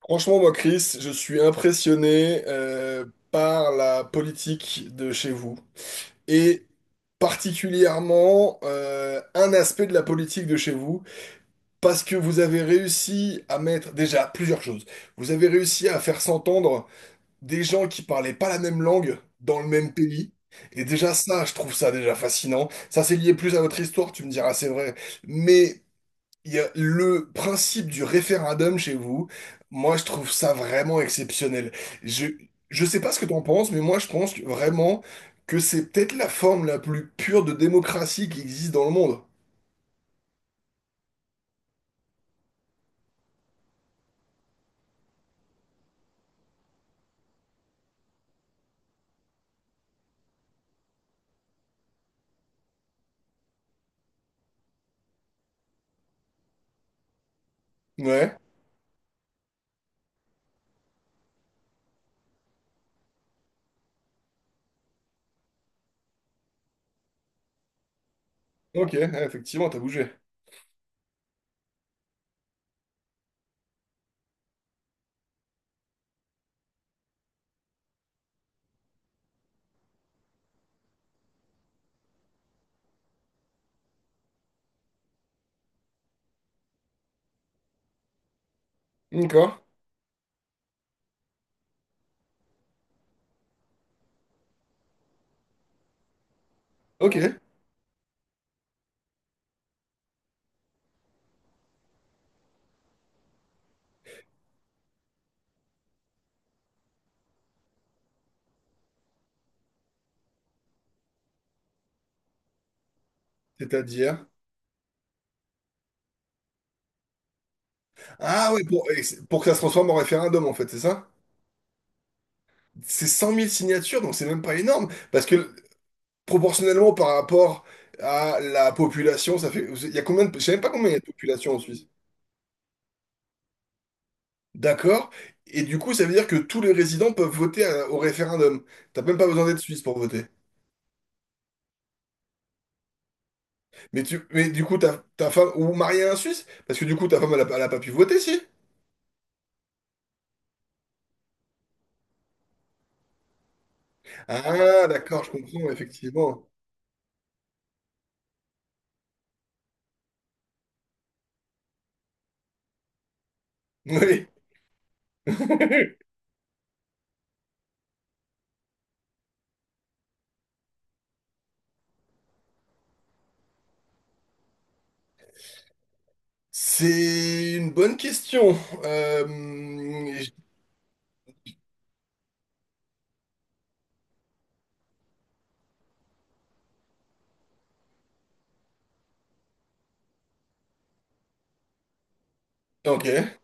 Franchement, moi, Chris, je suis impressionné par la politique de chez vous et particulièrement un aspect de la politique de chez vous parce que vous avez réussi à mettre déjà plusieurs choses. Vous avez réussi à faire s'entendre des gens qui parlaient pas la même langue dans le même pays. Et déjà ça, je trouve ça déjà fascinant. Ça, c'est lié plus à votre histoire, tu me diras, c'est vrai. Mais il y a le principe du référendum chez vous. Moi, je trouve ça vraiment exceptionnel. Je, je sais pas ce que t'en penses, mais moi, je pense vraiment que c'est peut-être la forme la plus pure de démocratie qui existe dans le monde. Ouais. Ok, ouais, effectivement, t'as bougé. D'accord. Ok. C'est-à-dire. Ah ouais, pour, et pour que ça se transforme en référendum, en fait, c'est ça? C'est 100 000 signatures, donc c'est même pas énorme. Parce que proportionnellement par rapport à la population, ça fait. Il y a combien de. Je sais même pas combien il y a de population en Suisse. D'accord. Et du coup, ça veut dire que tous les résidents peuvent voter au référendum. T'as même pas besoin d'être suisse pour voter. Mais du coup, ta femme, ou mariée à un Suisse? Parce que du coup, ta femme, elle a pas pu voter, si? Ah, d'accord, je comprends, effectivement. Oui. C'est une bonne question. Euh, j- ok.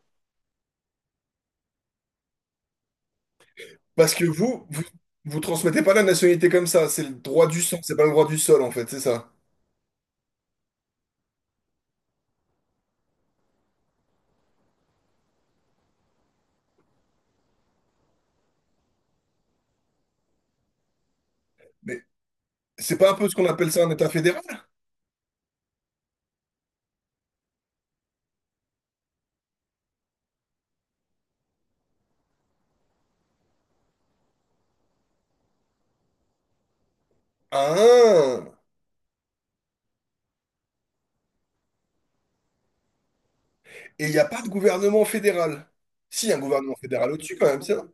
Parce que vous, vous transmettez pas la nationalité comme ça. C'est le droit du sang, c'est pas le droit du sol, en fait, c'est ça. Mais c'est pas un peu ce qu'on appelle ça un État fédéral? Ah! Et il n'y a pas de gouvernement fédéral. Si, il y a un gouvernement fédéral au-dessus quand même, tiens.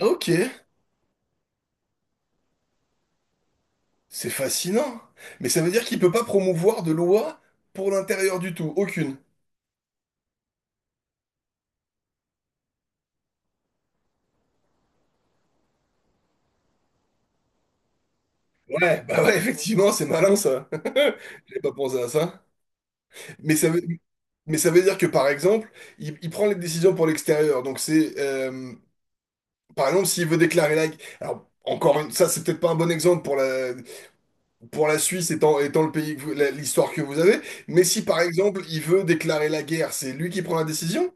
Ok, c'est fascinant. Mais ça veut dire qu'il peut pas promouvoir de loi pour l'intérieur du tout, aucune. Ouais, bah ouais, effectivement, c'est malin ça. J'avais pas pensé à ça. Mais ça veut, mais ça veut dire que par exemple, il prend les décisions pour l'extérieur. Donc c'est, par exemple, s'il veut déclarer la. Alors encore une, ça c'est peut-être pas un bon exemple pour pour la Suisse étant le pays, que l'histoire que vous avez. Mais si par exemple il veut déclarer la guerre, c'est lui qui prend la décision?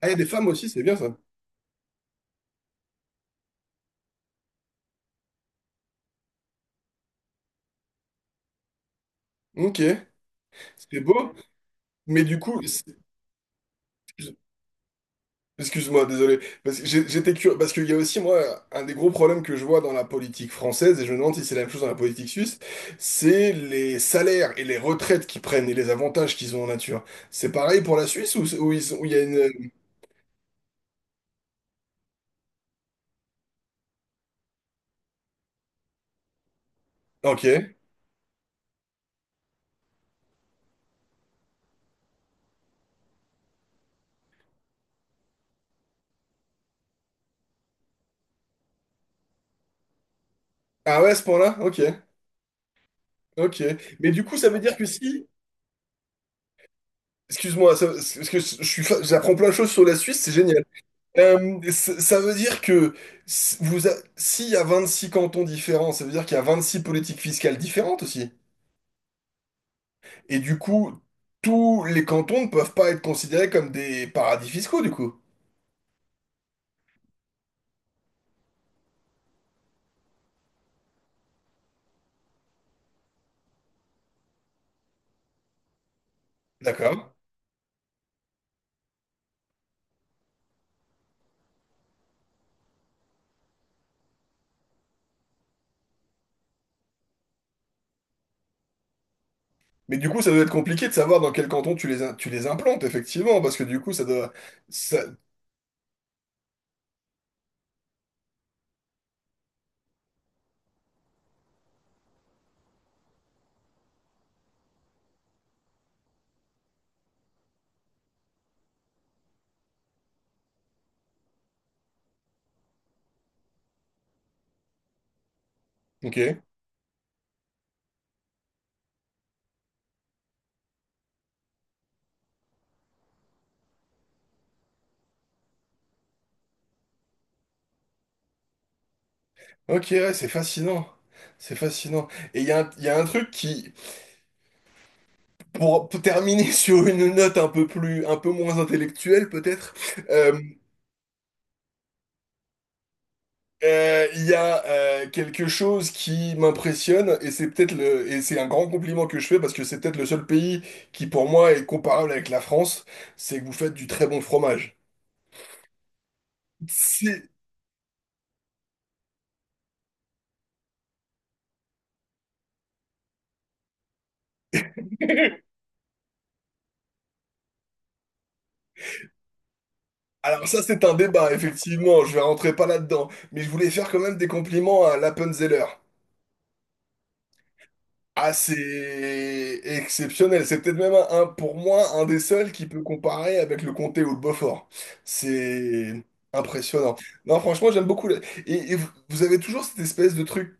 Ah, il y a des femmes aussi, c'est bien ça. Ok, c'est beau. Mais du coup, excuse-moi, désolé. Parce que j'étais curieux. Parce qu'il y a aussi, moi, un des gros problèmes que je vois dans la politique française, et je me demande si c'est la même chose dans la politique suisse, c'est les salaires et les retraites qu'ils prennent et les avantages qu'ils ont en nature. C'est pareil pour la Suisse ou, ou ils ou il y a une. Ok. Ah ouais, à ce point-là? Ok. Ok. Mais du coup, ça veut dire que si. Excuse-moi, parce que je suis, j'apprends plein de choses sur la Suisse, c'est génial. Ça veut dire que s'il y a 26 cantons différents, ça veut dire qu'il y a 26 politiques fiscales différentes aussi. Et du coup, tous les cantons ne peuvent pas être considérés comme des paradis fiscaux, du coup. D'accord. Mais du coup, ça doit être compliqué de savoir dans quel canton tu les, tu les implantes, effectivement, parce que du coup, ça doit... ça- ok. Ok, ouais, c'est fascinant. C'est fascinant. Et il y a un, il y a un truc qui, pour terminer sur une note un peu plus, un peu moins intellectuelle peut-être, euh, Il y a quelque chose qui m'impressionne et c'est peut-être le et c'est un grand compliment que je fais parce que c'est peut-être le seul pays qui pour moi est comparable avec la France, c'est que vous faites du très bon fromage. C'est- Alors ça c'est un débat effectivement, je vais rentrer pas là-dedans, mais je voulais faire quand même des compliments à l'Appenzeller. Ah, c'est exceptionnel. C'est peut-être même un, pour moi un des seuls qui peut comparer avec le comté ou le Beaufort. C'est impressionnant. Non, franchement, j'aime beaucoup. Le- et vous avez toujours cette espèce de truc.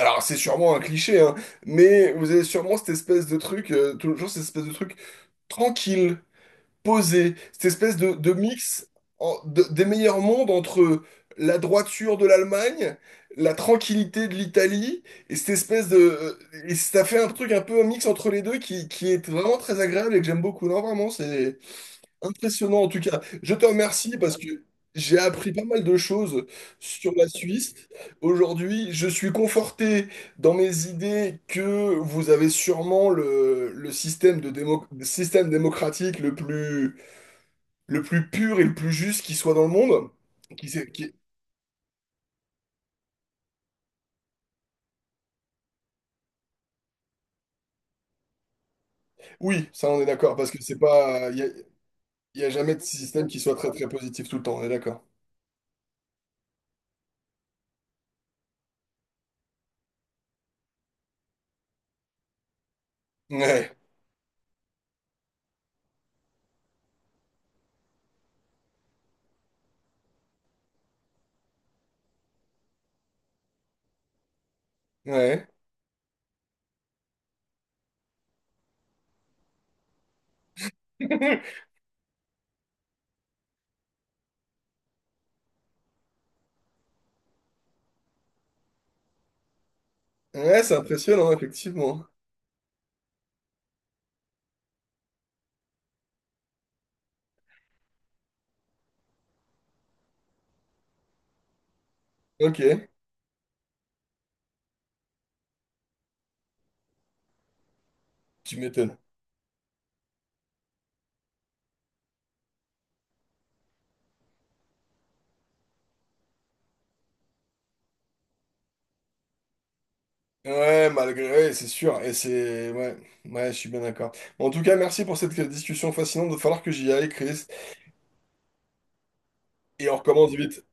Alors, c'est sûrement un cliché, hein, mais vous avez sûrement cette espèce de truc, toujours cette espèce de truc tranquille posé, cette espèce de mix des meilleurs mondes entre la droiture de l'Allemagne, la tranquillité de l'Italie, et cette espèce de... Et ça fait un truc un peu un mix entre les deux qui est vraiment très agréable et que j'aime beaucoup. Non, vraiment, c'est impressionnant en tout cas. Je te remercie parce que j'ai appris pas mal de choses sur la Suisse. Aujourd'hui, je suis conforté dans mes idées que vous avez sûrement le système de système démocratique le plus pur et le plus juste qui soit dans le monde. Qui, oui, ça on est d'accord, parce que c'est pas. Il y a, y a jamais de système qui soit très très positif tout le temps, on est d'accord. Ouais, ouais. Ouais, c'est impressionnant, effectivement. Ok, tu m'étonnes. Ouais, malgré, ouais, c'est sûr, et c'est... Ouais, ouais, je suis bien d'accord. En tout cas, merci pour cette discussion fascinante, il va falloir que j'y aille, Chris, et on recommence vite.